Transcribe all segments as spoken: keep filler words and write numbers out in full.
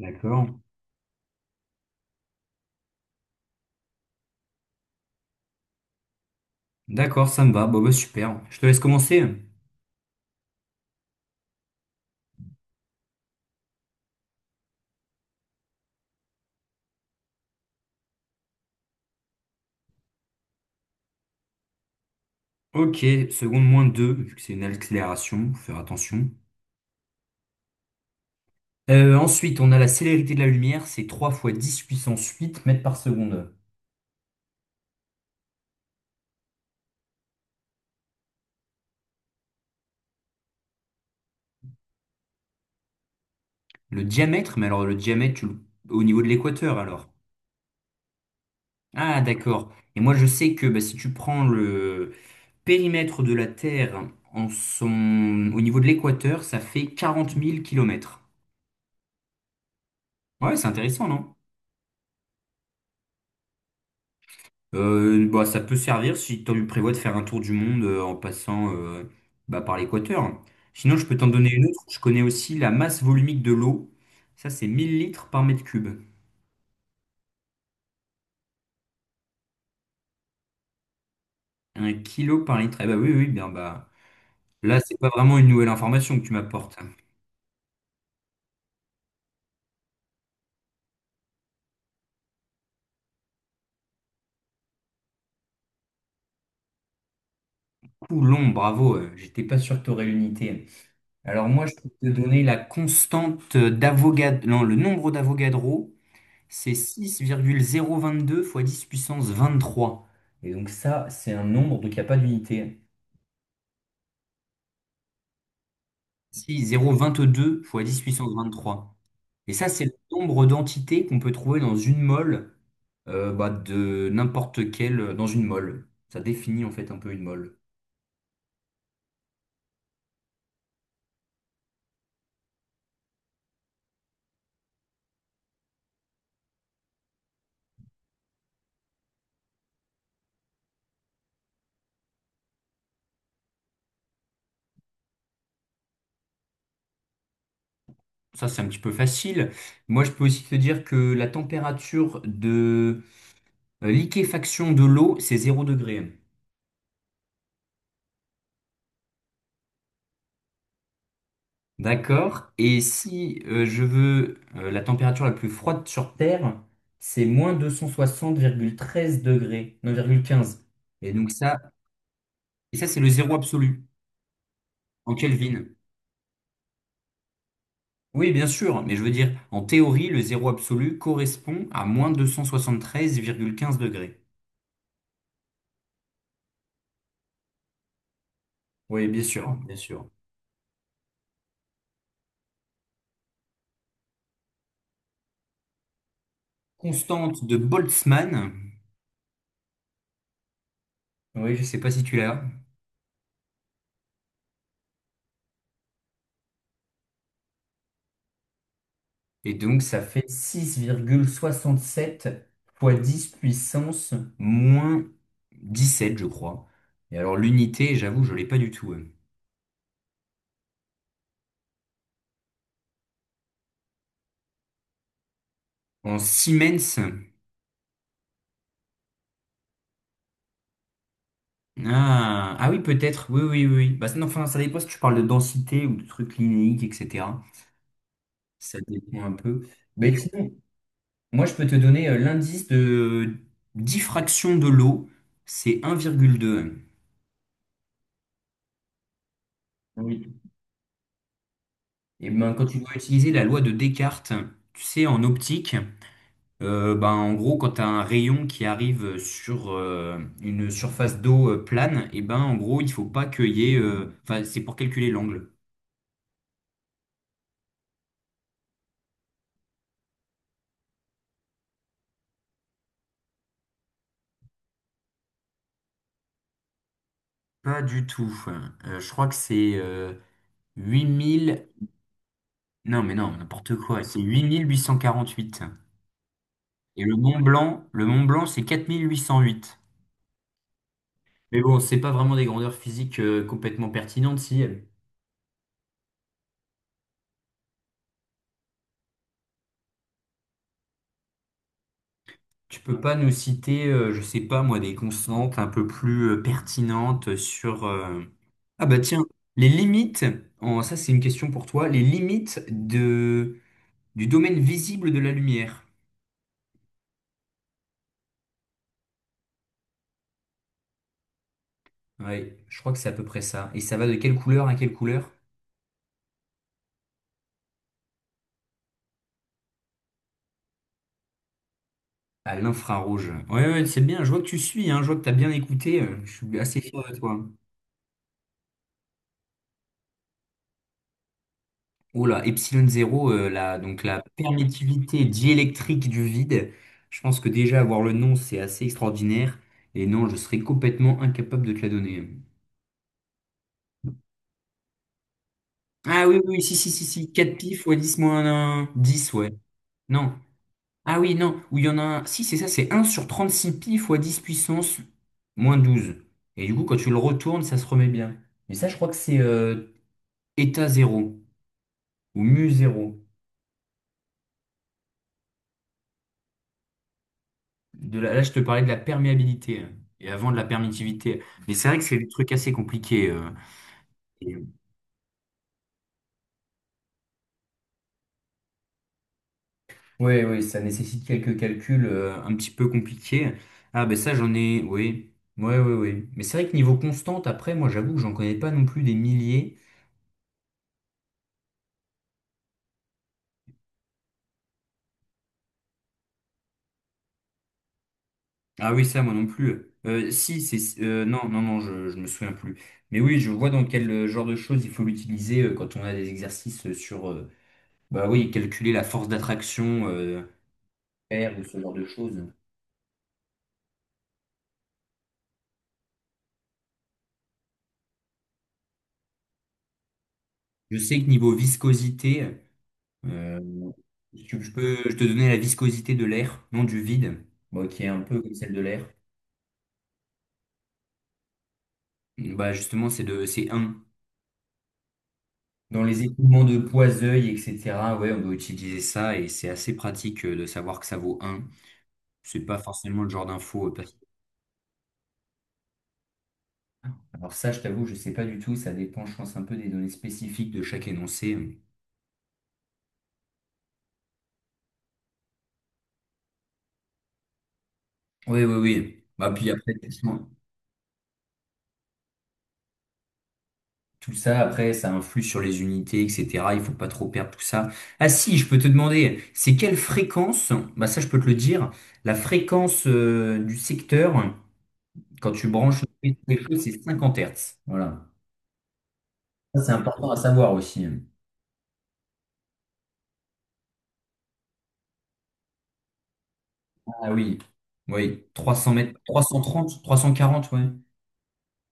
D'accord. D'accord, ça me va. Bon, bah, super. Je te laisse commencer. Ok, seconde moins deux, vu que c'est une accélération, faut faire attention. Euh, ensuite, on a la célérité de la lumière, c'est trois fois dix puissance huit mètres par seconde. Le diamètre, mais alors le diamètre, tu le- au niveau de l'équateur, alors. Ah, d'accord. Et moi, je sais que bah, si tu prends le périmètre de la Terre en son... au niveau de l'équateur, ça fait quarante mille kilomètres. Ouais, c'est intéressant, non? Euh, bah, ça peut servir si tu prévois de faire un tour du monde euh, en passant euh, bah, par l'équateur. Sinon, je peux t'en donner une autre. Je connais aussi la masse volumique de l'eau. Ça, c'est mille litres par mètre cube. Un kilo par litre. Eh bah oui, oui, bien bah. Là, c'est pas vraiment une nouvelle information que tu m'apportes. Coulomb, bravo. euh, J'étais pas sûr que t'aurais l'unité. Alors moi, je peux te donner la constante d'Avogadro, non, le nombre d'Avogadro. C'est six virgule zéro vingt deux fois dix puissance vingt trois. Et donc ça, c'est un nombre, donc il n'y a pas d'unité. Si, zéro vingt deux fois dix puissance vingt trois. Et ça, c'est le nombre d'entités qu'on peut trouver dans une mole, euh, bah, de n'importe quelle, euh, dans une mole. Ça définit en fait un peu une mole. Ça, c'est un petit peu facile. Moi, je peux aussi te dire que la température de euh, liquéfaction de l'eau, c'est zéro degré. D'accord. Et si euh, je veux euh, la température la plus froide sur Terre, c'est moins deux cent soixante virgule treize degrés, neuf virgule quinze. Et donc ça, et ça c'est le zéro absolu en Kelvin. Oui, bien sûr, mais je veux dire, en théorie, le zéro absolu correspond à moins deux cent soixante-treize virgule quinze degrés. Oui, bien sûr, bien sûr. Constante de Boltzmann. Oui, je sais pas si tu l'as. Et donc, ça fait six virgule soixante-sept fois dix puissance moins dix-sept, je crois. Et alors, l'unité, j'avoue, je l'ai pas du tout, hein. En Siemens. Ah, ah oui, peut-être. Oui, oui, oui, oui. Bah, ça- non, enfin, ça dépend si tu parles de densité ou de trucs linéiques, et cetera. Ça dépend un peu. Mais sinon, moi, je peux te donner euh, l'indice de diffraction de l'eau. C'est un virgule deux. Oui. Et ben, quand tu dois utiliser la loi de Descartes, tu sais, en optique. Euh, ben, en gros, quand tu as un rayon qui arrive sur euh, une surface d'eau euh, plane, et ben en gros, il faut pas qu'il y ait. euh, Enfin, c'est pour calculer l'angle. Pas du tout. Euh, je crois que c'est euh, huit mille. Non, mais non, n'importe quoi. C'est huit huit mille huit cent quarante-huit. Et le Mont Blanc, le Mont Blanc, c'est quatre mille huit cent huit. Mais bon, c'est pas vraiment des grandeurs physiques euh, complètement pertinentes, si. Tu peux pas nous citer, euh, je sais pas moi, des constantes un peu plus euh, pertinentes sur... euh, Ah bah tiens, les limites, en... ça c'est une question pour toi, les limites de... du domaine visible de la lumière. Ouais, je crois que c'est à peu près ça. Et ça va de quelle couleur à quelle couleur? À l'infrarouge. Ouais, ouais, c'est bien, je vois que tu suis, hein, je vois que t'as bien écouté, euh, je suis assez fier de toi. Oula, epsilon zéro, euh, la, donc la permittivité diélectrique du vide. Je pense que déjà avoir le nom, c'est assez extraordinaire. Et non, je serais complètement incapable de te la donner. Ah oui, oui, si, si, si, si. quatre pi fois dix moins un, dix, ouais. Non. Ah oui, non. Ou il y en a un. Si, c'est ça, c'est un sur trente-six pi fois dix puissance moins douze. Et du coup, quand tu le retournes, ça se remet bien. Mais ça, je crois que c'est euh, état zéro ou mu zéro. de la- là, je te parlais de la perméabilité, hein, et avant de la permittivité. Mais c'est vrai que c'est des trucs assez compliqués. euh, et- Ouais, ouais, ça nécessite quelques calculs euh, un petit peu compliqués. Ah, ben ça, j'en ai, oui. Ouais, ouais, ouais. Mais c'est vrai que niveau constante, après, moi, j'avoue que j'en connais pas non plus des milliers. Ah oui, ça, moi non plus. Euh, si, c'est. Euh, non, non, non, je, je me souviens plus. Mais oui, je vois dans quel euh, genre de choses il faut l'utiliser euh, quand on a des exercices euh, sur. Euh, bah oui, calculer la force d'attraction, euh, faire ou ce genre de choses. Je sais que niveau viscosité, euh, je, je peux je te donner la viscosité de l'air, non du vide, bon, qui est un peu comme celle de l'air. Bah justement, c'est de c'est un. Dans les écoulements de poids-œil, et cetera, ouais, on doit utiliser ça et c'est assez pratique euh, de savoir que ça vaut un. C'est pas forcément le genre d'info. euh, parce- Alors ça, je t'avoue, je sais pas du tout. Ça dépend, je pense, un peu des données spécifiques de chaque énoncé. Oui, oui, oui. Bah puis après, tout ça, après, ça influe sur les unités, et cetera. Il faut pas trop perdre tout ça. Ah si, je peux te demander, c'est quelle fréquence, bah ça je peux te le dire, la fréquence euh, du secteur, quand tu branches les choses, c'est cinquante Hertz. Voilà. Ça, c'est important à savoir aussi. Ah oui. Oui, trois cents mètres, trois cent trente, trois cent quarante, ouais.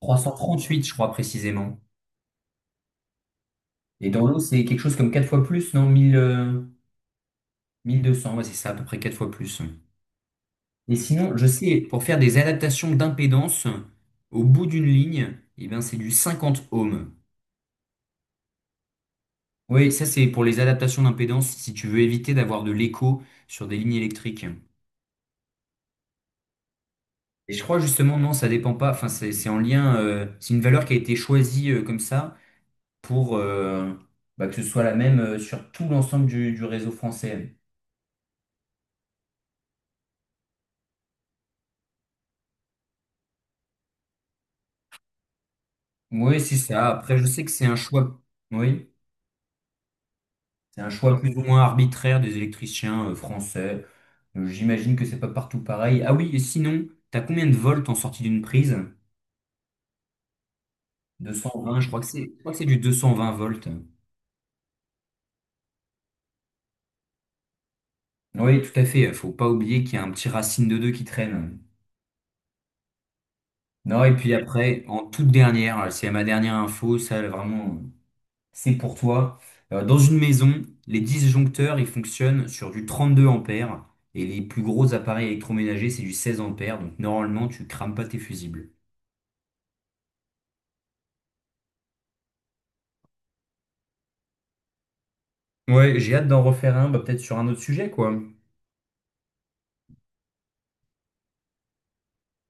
trois cent trente-huit, je crois précisément. Et dans l'eau, c'est quelque chose comme quatre fois plus, non? mille, euh, mille deux cents, ouais, c'est ça, à peu près quatre fois plus. Et sinon, je sais, pour faire des adaptations d'impédance, au bout d'une ligne, eh bien, c'est du cinquante ohms. Oui, ça c'est pour les adaptations d'impédance, si tu veux éviter d'avoir de l'écho sur des lignes électriques. Et je crois justement, non, ça dépend pas, enfin c'est c'est en lien, euh, c'est une valeur qui a été choisie euh, comme ça pour euh, bah, que ce soit la même euh, sur tout l'ensemble du, du réseau français. Oui, c'est ça. Après, je sais que c'est un choix, oui, c'est un choix plus ou moins arbitraire des électriciens euh, français. Euh, J'imagine que c'est pas partout pareil. Ah oui, et sinon, t'as combien de volts en sortie d'une prise? Deux cent vingt. Je crois que c'est, je crois que c'est du deux cent vingt volts. Oui, tout à fait. Faut pas oublier qu'il y a un petit racine de deux qui traîne. Non, et puis après, en toute dernière, c'est ma dernière info, ça vraiment, c'est pour toi. Euh, Dans une maison, les disjoncteurs, ils fonctionnent sur du trente deux ampères et les plus gros appareils électroménagers, c'est du seize ampères. Donc normalement, tu crames pas tes fusibles. Ouais, j'ai hâte d'en refaire un, bah, peut-être sur un autre sujet, quoi.